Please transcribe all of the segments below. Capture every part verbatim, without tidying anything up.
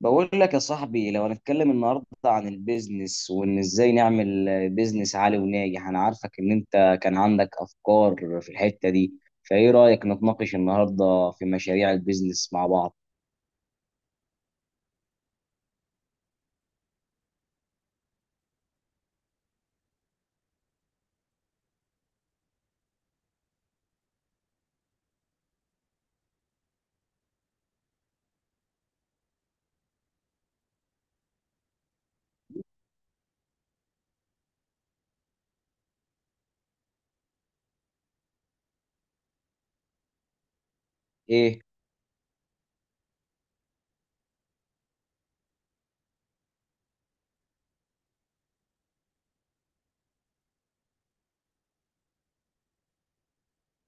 بقول لك يا صاحبي، لو هنتكلم النهارده عن البيزنس وان ازاي نعمل بيزنس عالي وناجح. انا عارفك ان انت كان عندك افكار في الحتة دي، فايه رأيك نتناقش النهارده في مشاريع البيزنس مع بعض؟ ايه.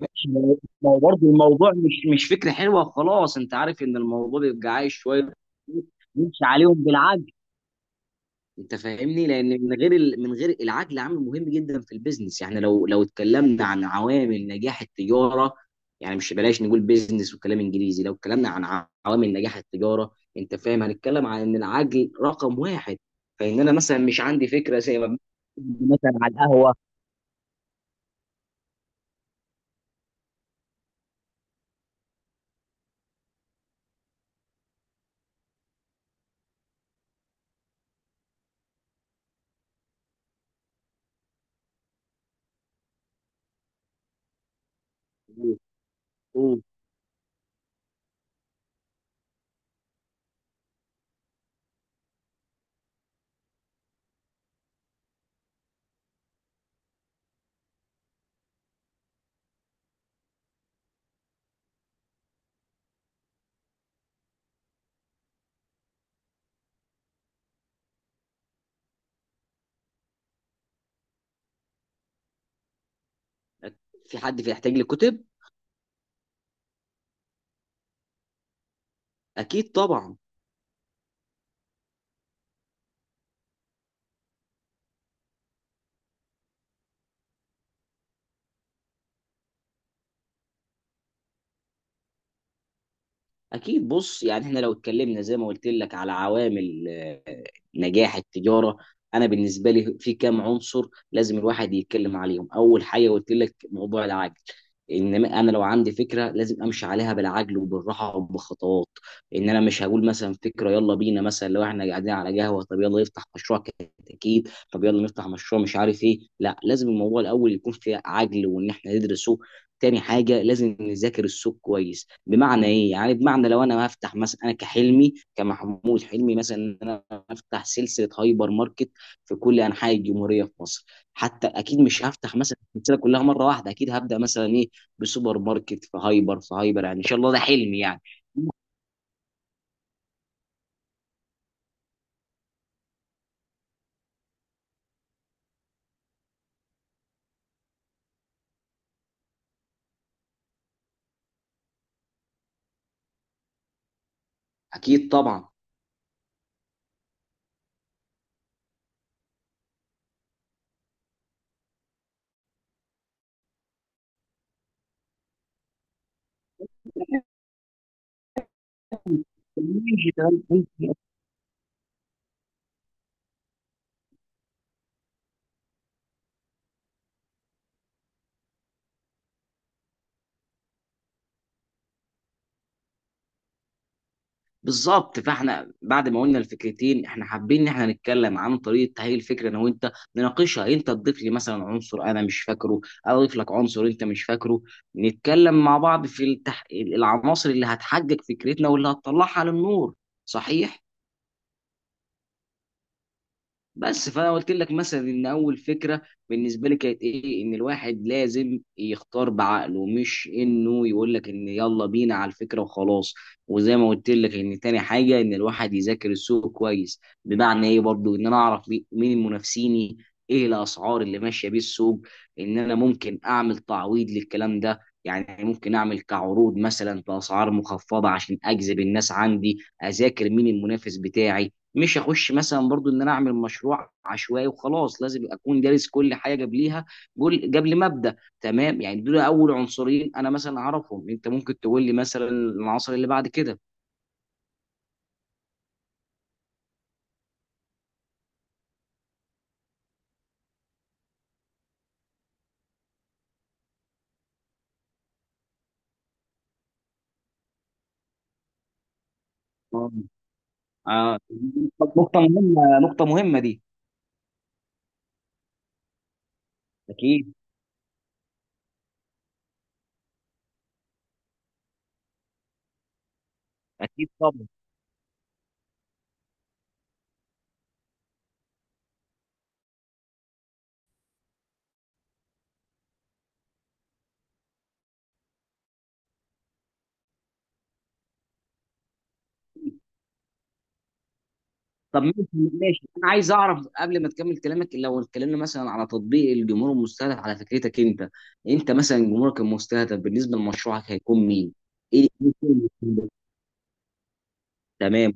ماشي، ما ما هو برضه الموضوع مش مش فكرة حلوة خلاص. انت عارف ان الموضوع بيبقى عايز شوية نمشي عليهم بالعافية. انت فاهمني، لان من غير ال- من غير العقل عامل مهم جدا في البيزنس. يعني لو لو اتكلمنا عن عوامل نجاح التجاره، يعني مش بلاش نقول بيزنس وكلام انجليزي. لو اتكلمنا عن ع- عوامل نجاح التجاره، انت فاهم، هنتكلم عن ان العقل رقم واحد. فان انا مثلا مش عندي فكره زي ما مثلا على القهوه. أوه، في حد بيحتاج لكتب؟ اكيد طبعا. اكيد. بص، يعني احنا لو اتكلمنا زي ما قلت لك على عوامل آه، نجاح التجاره، انا بالنسبه لي في كام عنصر لازم الواحد يتكلم عليهم. اول حاجه قلت لك، موضوع العجل. ان ما- انا لو عندي فكره لازم امشي عليها بالعجل وبالراحه وبخطوات. ان انا مش هقول مثلا فكره يلا بينا، مثلا لو احنا قاعدين على قهوه طب يلا نفتح مشروع، كتاكيد طب يلا نفتح مشروع مش عارف ايه. لا، لازم الموضوع الاول يكون فيه عجل وان احنا ندرسه. تاني حاجة لازم نذاكر السوق كويس. بمعنى ايه؟ يعني بمعنى لو انا هفتح مثلا، انا كحلمي كمحمود حلمي مثلا ان انا افتح سلسلة هايبر ماركت في كل انحاء الجمهورية في مصر. حتى اكيد مش هفتح مثلا السلسلة كلها مرة واحدة. اكيد هبدأ مثلا ايه، بسوبر ماركت في هايبر في هايبر. يعني ان شاء الله ده حلمي يعني. اكيد طبعا. بالظبط، فاحنا بعد ما قلنا الفكرتين احنا حابين ان احنا نتكلم عن طريقه تهيئ الفكره. انا وانت نناقشها، انت تضيف لي مثلا عنصر انا مش فاكره، أنا اضيف لك عنصر انت مش فاكره. نتكلم مع بعض في التح... العناصر اللي هتحقق فكرتنا واللي هتطلعها للنور. صحيح. بس فانا قلت لك مثلا ان اول فكره بالنسبه لي كانت ايه، ان الواحد لازم يختار بعقله، مش انه يقول لك ان يلا بينا على الفكره وخلاص. وزي ما قلت لك ان تاني حاجه ان الواحد يذاكر السوق كويس. بمعنى ايه؟ برضو ان انا اعرف مي- مين منافسيني، ايه الاسعار اللي ماشيه بيه السوق، ان انا ممكن اعمل تعويض للكلام ده. يعني ممكن اعمل كعروض مثلا باسعار مخفضه عشان اجذب الناس عندي. اذاكر مين المنافس بتاعي. مش هخش مثلا برضو ان انا اعمل مشروع عشوائي وخلاص. لازم اكون دارس كل حاجه قبليها، جول- قبل ما ابدا. تمام، يعني دول اول عنصرين انا مثلا اعرفهم. انت ممكن تقول لي مثلا العنصر اللي بعد كده؟ آه. آه، نقطه مهمه، نقطه مهمه دي. اكيد. اكيد طبعا. طب، ماشي، ماشي، انا عايز اعرف قبل ما تكمل كلامك، لو اتكلمنا مثلا على تطبيق الجمهور المستهدف على فكرتك انت. انت مثلا جمهورك المستهدف بالنسبه لمشروعك هيكون مين؟ ايه إيه الفيلم اللي هيكون ده؟ تمام.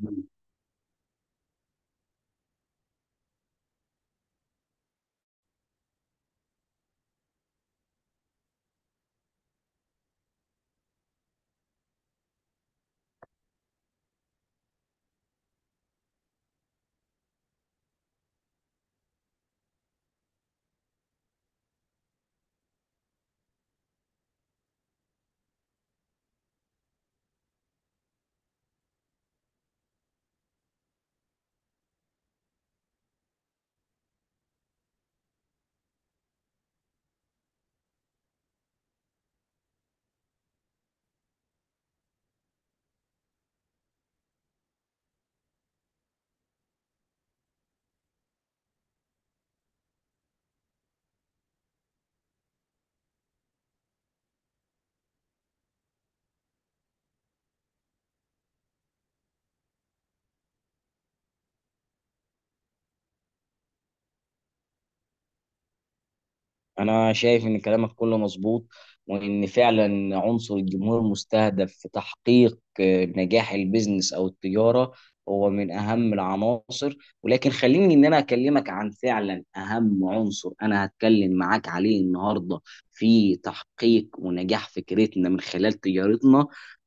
انا شايف ان كلامك كله مظبوط، وان فعلا عنصر الجمهور المستهدف في تحقيق آه، نجاح البيزنس او التجاره هو من اهم العناصر. ولكن خليني ان انا اكلمك عن فعلا اهم عنصر انا هتكلم معاك عليه النهارده في تحقيق ونجاح فكرتنا من خلال تجارتنا.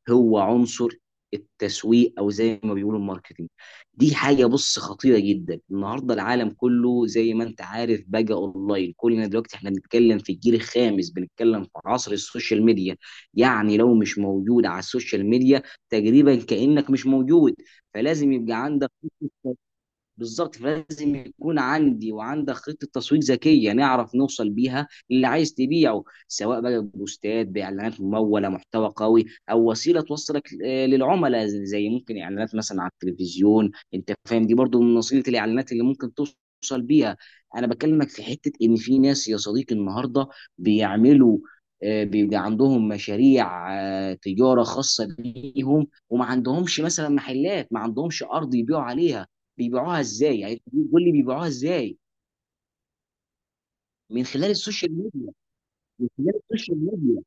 هو عنصر التسويق، او زي ما بيقولوا الماركتينج. دي حاجة بص خطيرة جدا. النهاردة العالم كله زي ما انت عارف بقى اونلاين. كلنا دلوقتي احنا بنتكلم في الجيل الخامس، بنتكلم في عصر السوشيال ميديا. يعني لو مش موجود على السوشيال ميديا تقريبا كأنك مش موجود. فلازم يبقى عندك. بالظبط، فلازم يكون عندي وعندك خطه تسويق ذكيه نعرف نوصل بيها للي عايز تبيعه، سواء بقى ببوستات، باعلانات مموله، محتوى قوي، او وسيله توصلك آه، للعملاء، زي زي ممكن اعلانات مثلا على التلفزيون. انت فاهم دي برضو من وسيله الاعلانات اللي ممكن توصل بيها. انا بكلمك في حته ان في ناس يا صديقي النهارده بيعملوا، آه، بيبقى عندهم مشاريع آه، تجاره خاصه بيهم، وما عندهمش مثلا محلات، ما عندهمش ارض يبيعوا عليها. بيبيعوها ازاي يعني؟ قول لي بيبيعوها ازاي. من خلال السوشيال ميديا. من خلال السوشيال ميديا.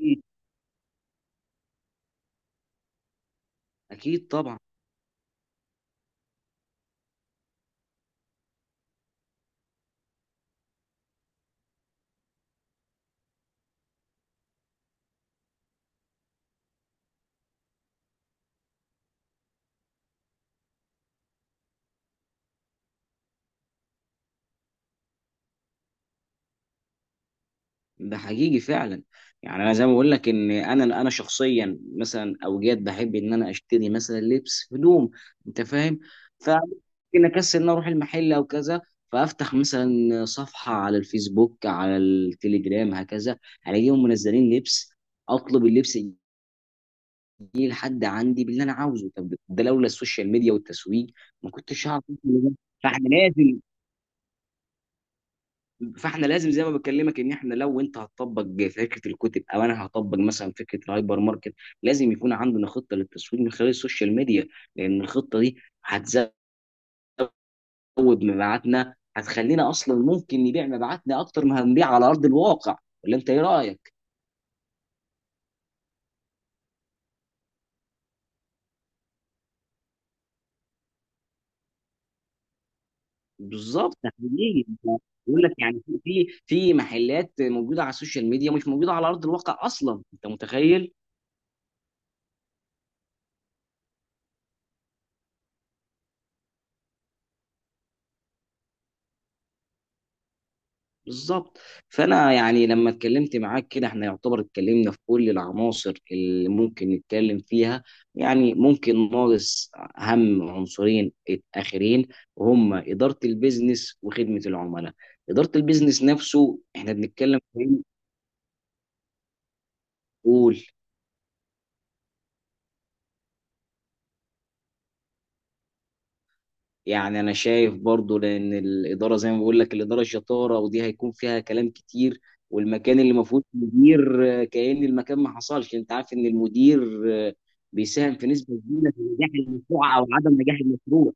اكيد. اكيد طبعا. ده حقيقي فعلا. يعني انا زي ما بقول لك ان انا انا شخصيا مثلا اوجات بحب ان انا اشتري مثلا لبس هدوم. انت فاهم. فممكن اكسل ان أنا اروح المحل او كذا، فافتح مثلا صفحه على الفيسبوك، على التليجرام، هكذا الاقيهم منزلين لبس، اطلب اللبس، يجي لحد عندي باللي انا عاوزه. طب ده لولا السوشيال ميديا والتسويق ما كنتش هعرف أوصل لده. فاحنا لازم فاحنا لازم زي ما بكلمك ان احنا لو انت هتطبق فكره الكتب او انا هطبق مثلا فكره الهايبر ماركت، لازم يكون عندنا خطه للتسويق من خلال السوشيال ميديا. لان الخطه دي هتزود مبيعاتنا، هتخلينا اصلا ممكن نبيع مبيعاتنا اكتر ما هنبيع على ارض الواقع. ولا انت ايه رايك؟ بالظبط، تحليليه، بقول لك يعني في في في محلات موجوده على السوشيال ميديا مش موجوده على ارض الواقع اصلا. انت متخيل؟ بالظبط. فانا يعني لما اتكلمت معاك كده احنا يعتبر اتكلمنا في كل العناصر اللي ممكن نتكلم فيها. يعني ممكن ناقص اهم عنصرين اخرين، وهم اداره البيزنس وخدمه العملاء. اداره البيزنس نفسه احنا بنتكلم في. قول. يعني انا شايف برضو، لان الاداره زي ما بقول لك، الاداره شطاره ودي هيكون فيها كلام كتير. والمكان اللي ما فيهوش مدير آه، كأن المكان ما حصلش. انت عارف ان المدير آه، بيساهم في نسبه كبيره في نجاح المشروع او عدم نجاح المشروع.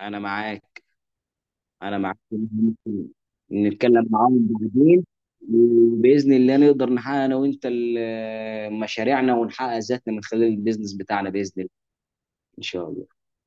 انا معاك. انا معاك في المهم ده. نتكلم معاهم بعدين. وباذن الله نقدر نحقق انا وانت ال- آه، مشاريعنا ونحقق ذاتنا من خلال البيزنس بتاعنا باذن الله. ان شاء الله.